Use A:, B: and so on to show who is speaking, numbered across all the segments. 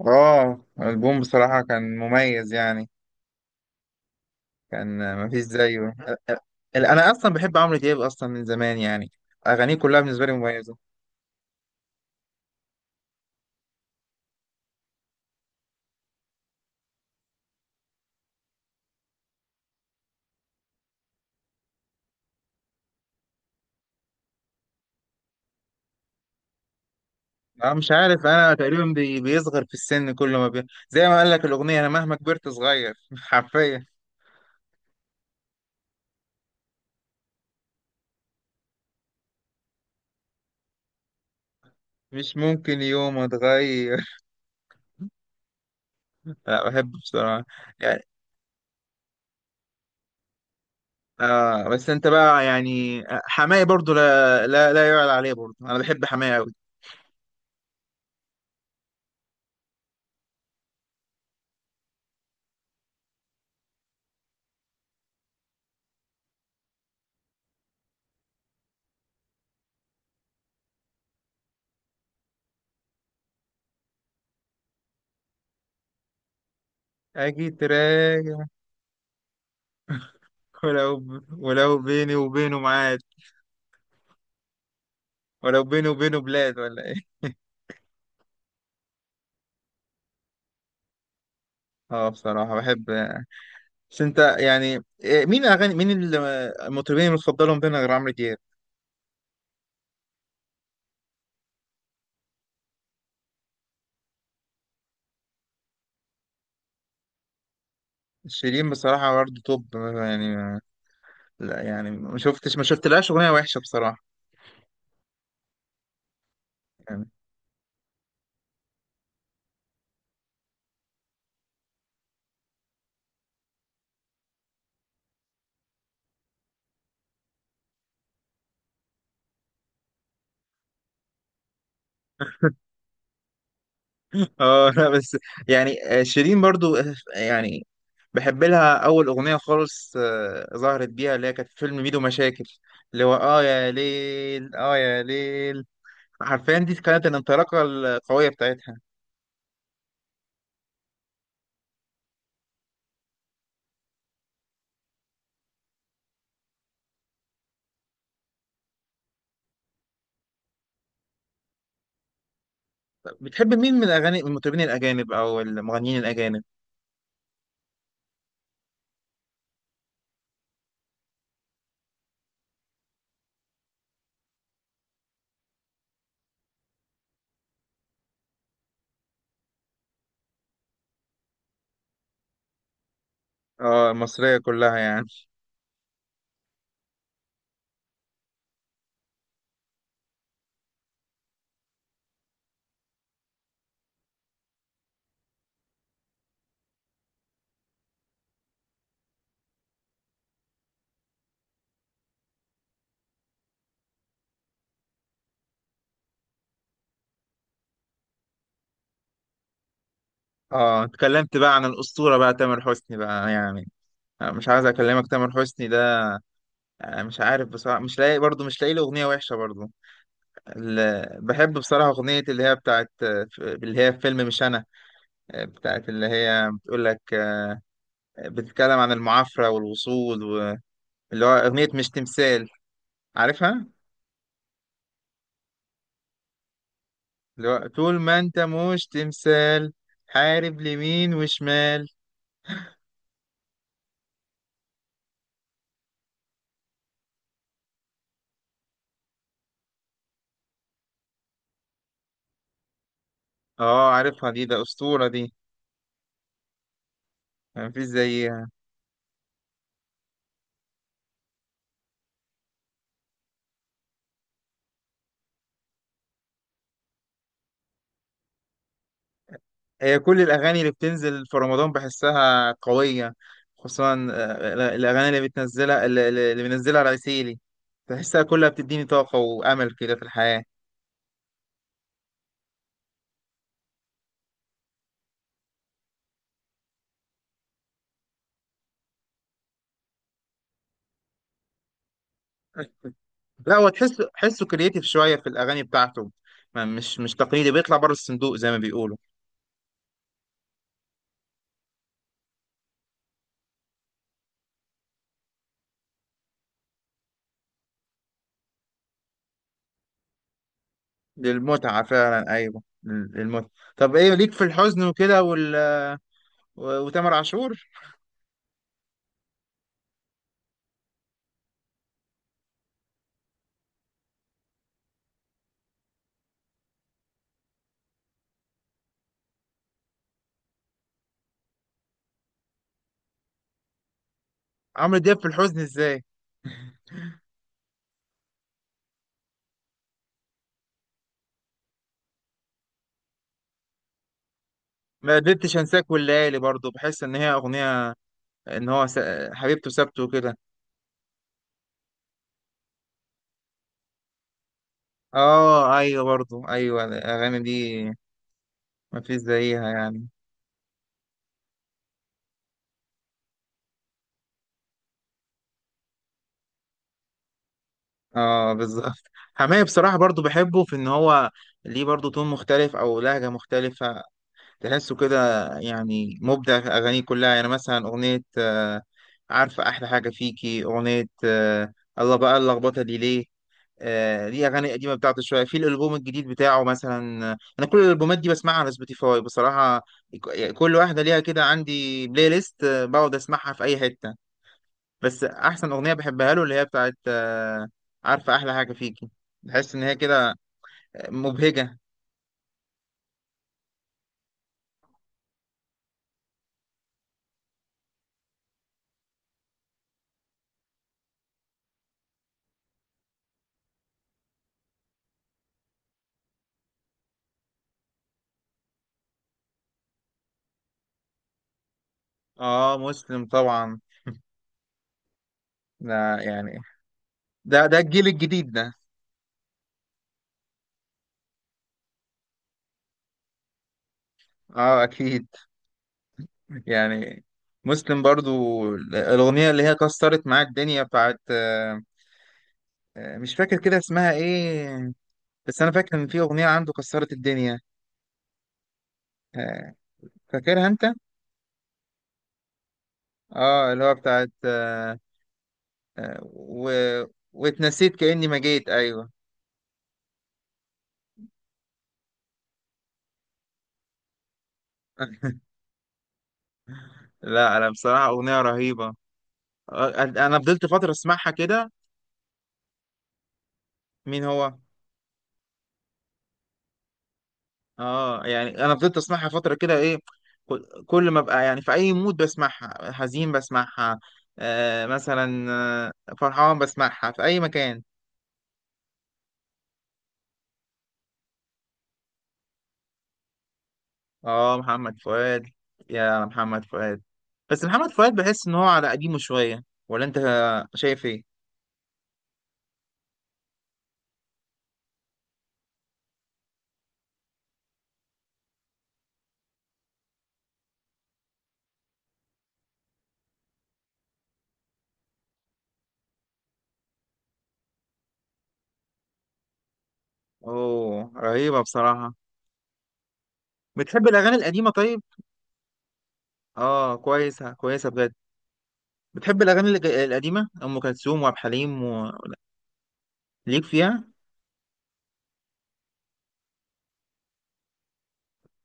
A: اه، البوم بصراحة كان مميز يعني. كان مفيش زيه. انا اصلا بحب عمرو دياب اصلا من زمان يعني. اغانيه كلها بالنسبة لي مميزة. انا مش عارف، انا تقريبا بيصغر في السن كل ما زي ما قال لك الاغنية، انا مهما كبرت صغير حرفيا. مش ممكن يوم اتغير. لا، بحبه بصراحة يعني. بس انت بقى يعني حماية برضو، لا يعلى عليه برضو، انا بحب حماية قوي. اجي تراجع؟ ولو بيني وبينه معاد، ولو بينه وبينه بلاد ولا ايه؟ اه بصراحة بحب. بس انت يعني مين اغاني، مين المطربين المفضلين بينا غير عمرو دياب؟ شيرين بصراحة برضه توب يعني. لا يعني ما شفتش، ما شفتلهاش اغنية وحشة بصراحة يعني. اه لا بس، يعني شيرين برضو، يعني بحب لها اول اغنية خالص، ظهرت بيها، اللي هي كانت في فيلم ميدو مشاكل، اللي هو اه يا ليل اه يا ليل. حرفيا دي كانت الانطلاقة القوية بتاعتها. طب بتحب مين من الاغاني، المطربين الاجانب او المغنيين الاجانب؟ اه المصريه كلها يعني. اه اتكلمت بقى عن الاسطوره بقى، تامر حسني بقى يعني. مش عايز اكلمك، تامر حسني ده مش عارف بصراحه، مش لاقي برضه، مش لاقي له اغنيه وحشه برضه. بحب بصراحه اغنيه اللي هي بتاعت اللي هي في فيلم مش انا. بتاعت اللي هي بتقول لك بتتكلم عن المعافره والوصول، واللي هو اغنيه مش تمثال. عارفها؟ اللي هو طول ما انت مش تمثال، حارب لمين وشمال. اه عارفها دي، ده أسطورة دي. يعني مفيش زيها. هي كل الأغاني اللي بتنزل في رمضان بحسها قوية، خصوصا الأغاني اللي بتنزلها اللي اللي بينزلها العسيلي. تحسها كلها بتديني طاقة وأمل كده في الحياة. لا هو تحسه كرييتيف شوية في الأغاني بتاعته. ما مش تقليدي، بيطلع بره الصندوق زي ما بيقولوا. للمتعة فعلا، أيوه، للمتعة. طب إيه ليك في الحزن وكده وتامر عاشور؟ عمرو دياب في الحزن إزاي؟ ما قدرتش انساك والليالي برضو، بحس ان هي اغنيه ان هو حبيبته سابته كده. اه ايوه برضو ايوه الاغاني دي ما فيش زيها يعني. اه بالظبط. حماية بصراحه برضو بحبه في ان هو ليه برضو تون مختلف او لهجه مختلفه. تحسه كده يعني مبدع في اغانيه كلها. يعني مثلا اغنيه عارفه احلى حاجه فيكي، اغنيه الله، بقى اللخبطه دي ليه؟ ليه اغاني قديمه بتاعته شويه في الالبوم الجديد بتاعه. مثلا انا كل الالبومات دي بسمعها على سبوتيفاي بصراحه. يعني كل واحده ليها كده عندي بلاي ليست، بقعد اسمعها في اي حته. بس احسن اغنيه بحبها له اللي هي بتاعت عارفه احلى حاجه فيكي. بحس ان هي كده مبهجه. اه مسلم طبعا. لا يعني، ده الجيل الجديد ده. اه اكيد يعني. مسلم برضو، الاغنيه اللي هي كسرت معاه الدنيا بتاعت مش فاكر كده اسمها ايه، بس انا فاكر ان في اغنيه عنده كسرت الدنيا. آه، فاكرها انت؟ اه اللي هو بتاعت آه، و... واتنسيت كاني ما جيت، ايوه. لا انا بصراحه اغنيه رهيبه. انا فضلت فتره اسمعها كده. مين هو؟ اه يعني انا فضلت اسمعها فتره كده. ايه، كل ما ابقى يعني في اي مود بسمعها، حزين بسمعها، آه مثلا فرحان بسمعها في اي مكان. اه محمد فؤاد. يا محمد فؤاد. بس محمد فؤاد بحس ان هو على قديمه شويه. ولا انت شايف ايه؟ اوه رهيبه بصراحه. بتحب الاغاني القديمه طيب؟ اه كويسه كويسه بجد. بتحب الاغاني القديمه، ام كلثوم وعبد الحليم، وليك فيها؟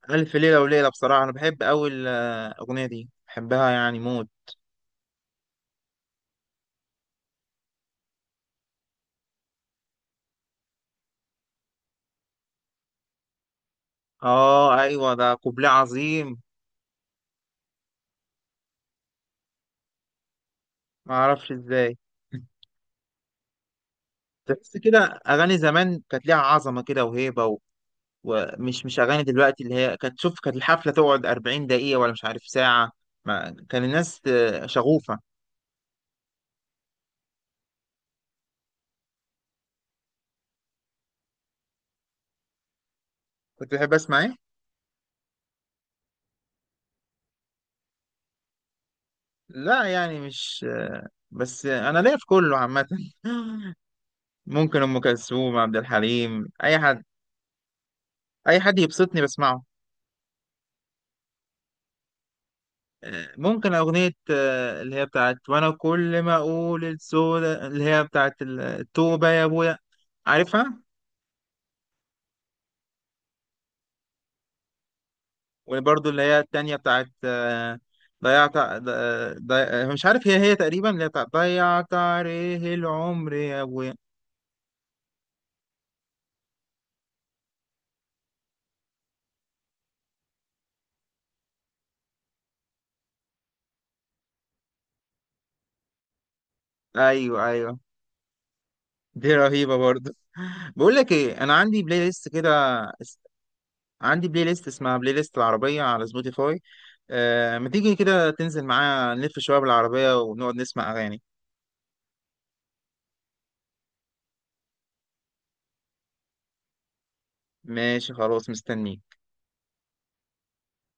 A: الف ليله وليله، بصراحه انا بحب اول الاغنيه دي، بحبها يعني موت. اه ايوه ده قبلة عظيم. ما اعرفش ازاي. تحس كده اغاني زمان كانت ليها عظمه كده وهيبه، ومش مش اغاني دلوقتي. اللي هي كانت، شوف، كانت الحفله تقعد 40 دقيقه ولا مش عارف ساعه. ما كان الناس شغوفه. كنت بحب اسمع ايه؟ لا يعني مش بس انا ليا في كله عامه. ممكن ام كلثوم، عبد الحليم، اي حد. اي حد يبسطني بسمعه. ممكن اغنيه اللي هي بتاعت وانا كل ما اقول السودا، اللي هي بتاعت التوبه يا ابويا. عارفها؟ وبرضه اللي هي التانية بتاعت آه، ضيعت ع- ض- آه، ضي... آه، مش عارف، هي هي تقريبا اللي هي بتاعت ضيعت عليه العمر يا ابويا. ايوه ايوه دي رهيبة برضه. بقول لك ايه، انا عندي بلاي ليست كده، اس- عندي بلاي ليست اسمها بلاي ليست العربية على سبوتيفاي. ما تيجي كده تنزل معايا نلف شوية بالعربية ونقعد نسمع اغاني؟ ماشي خلاص مستنيك.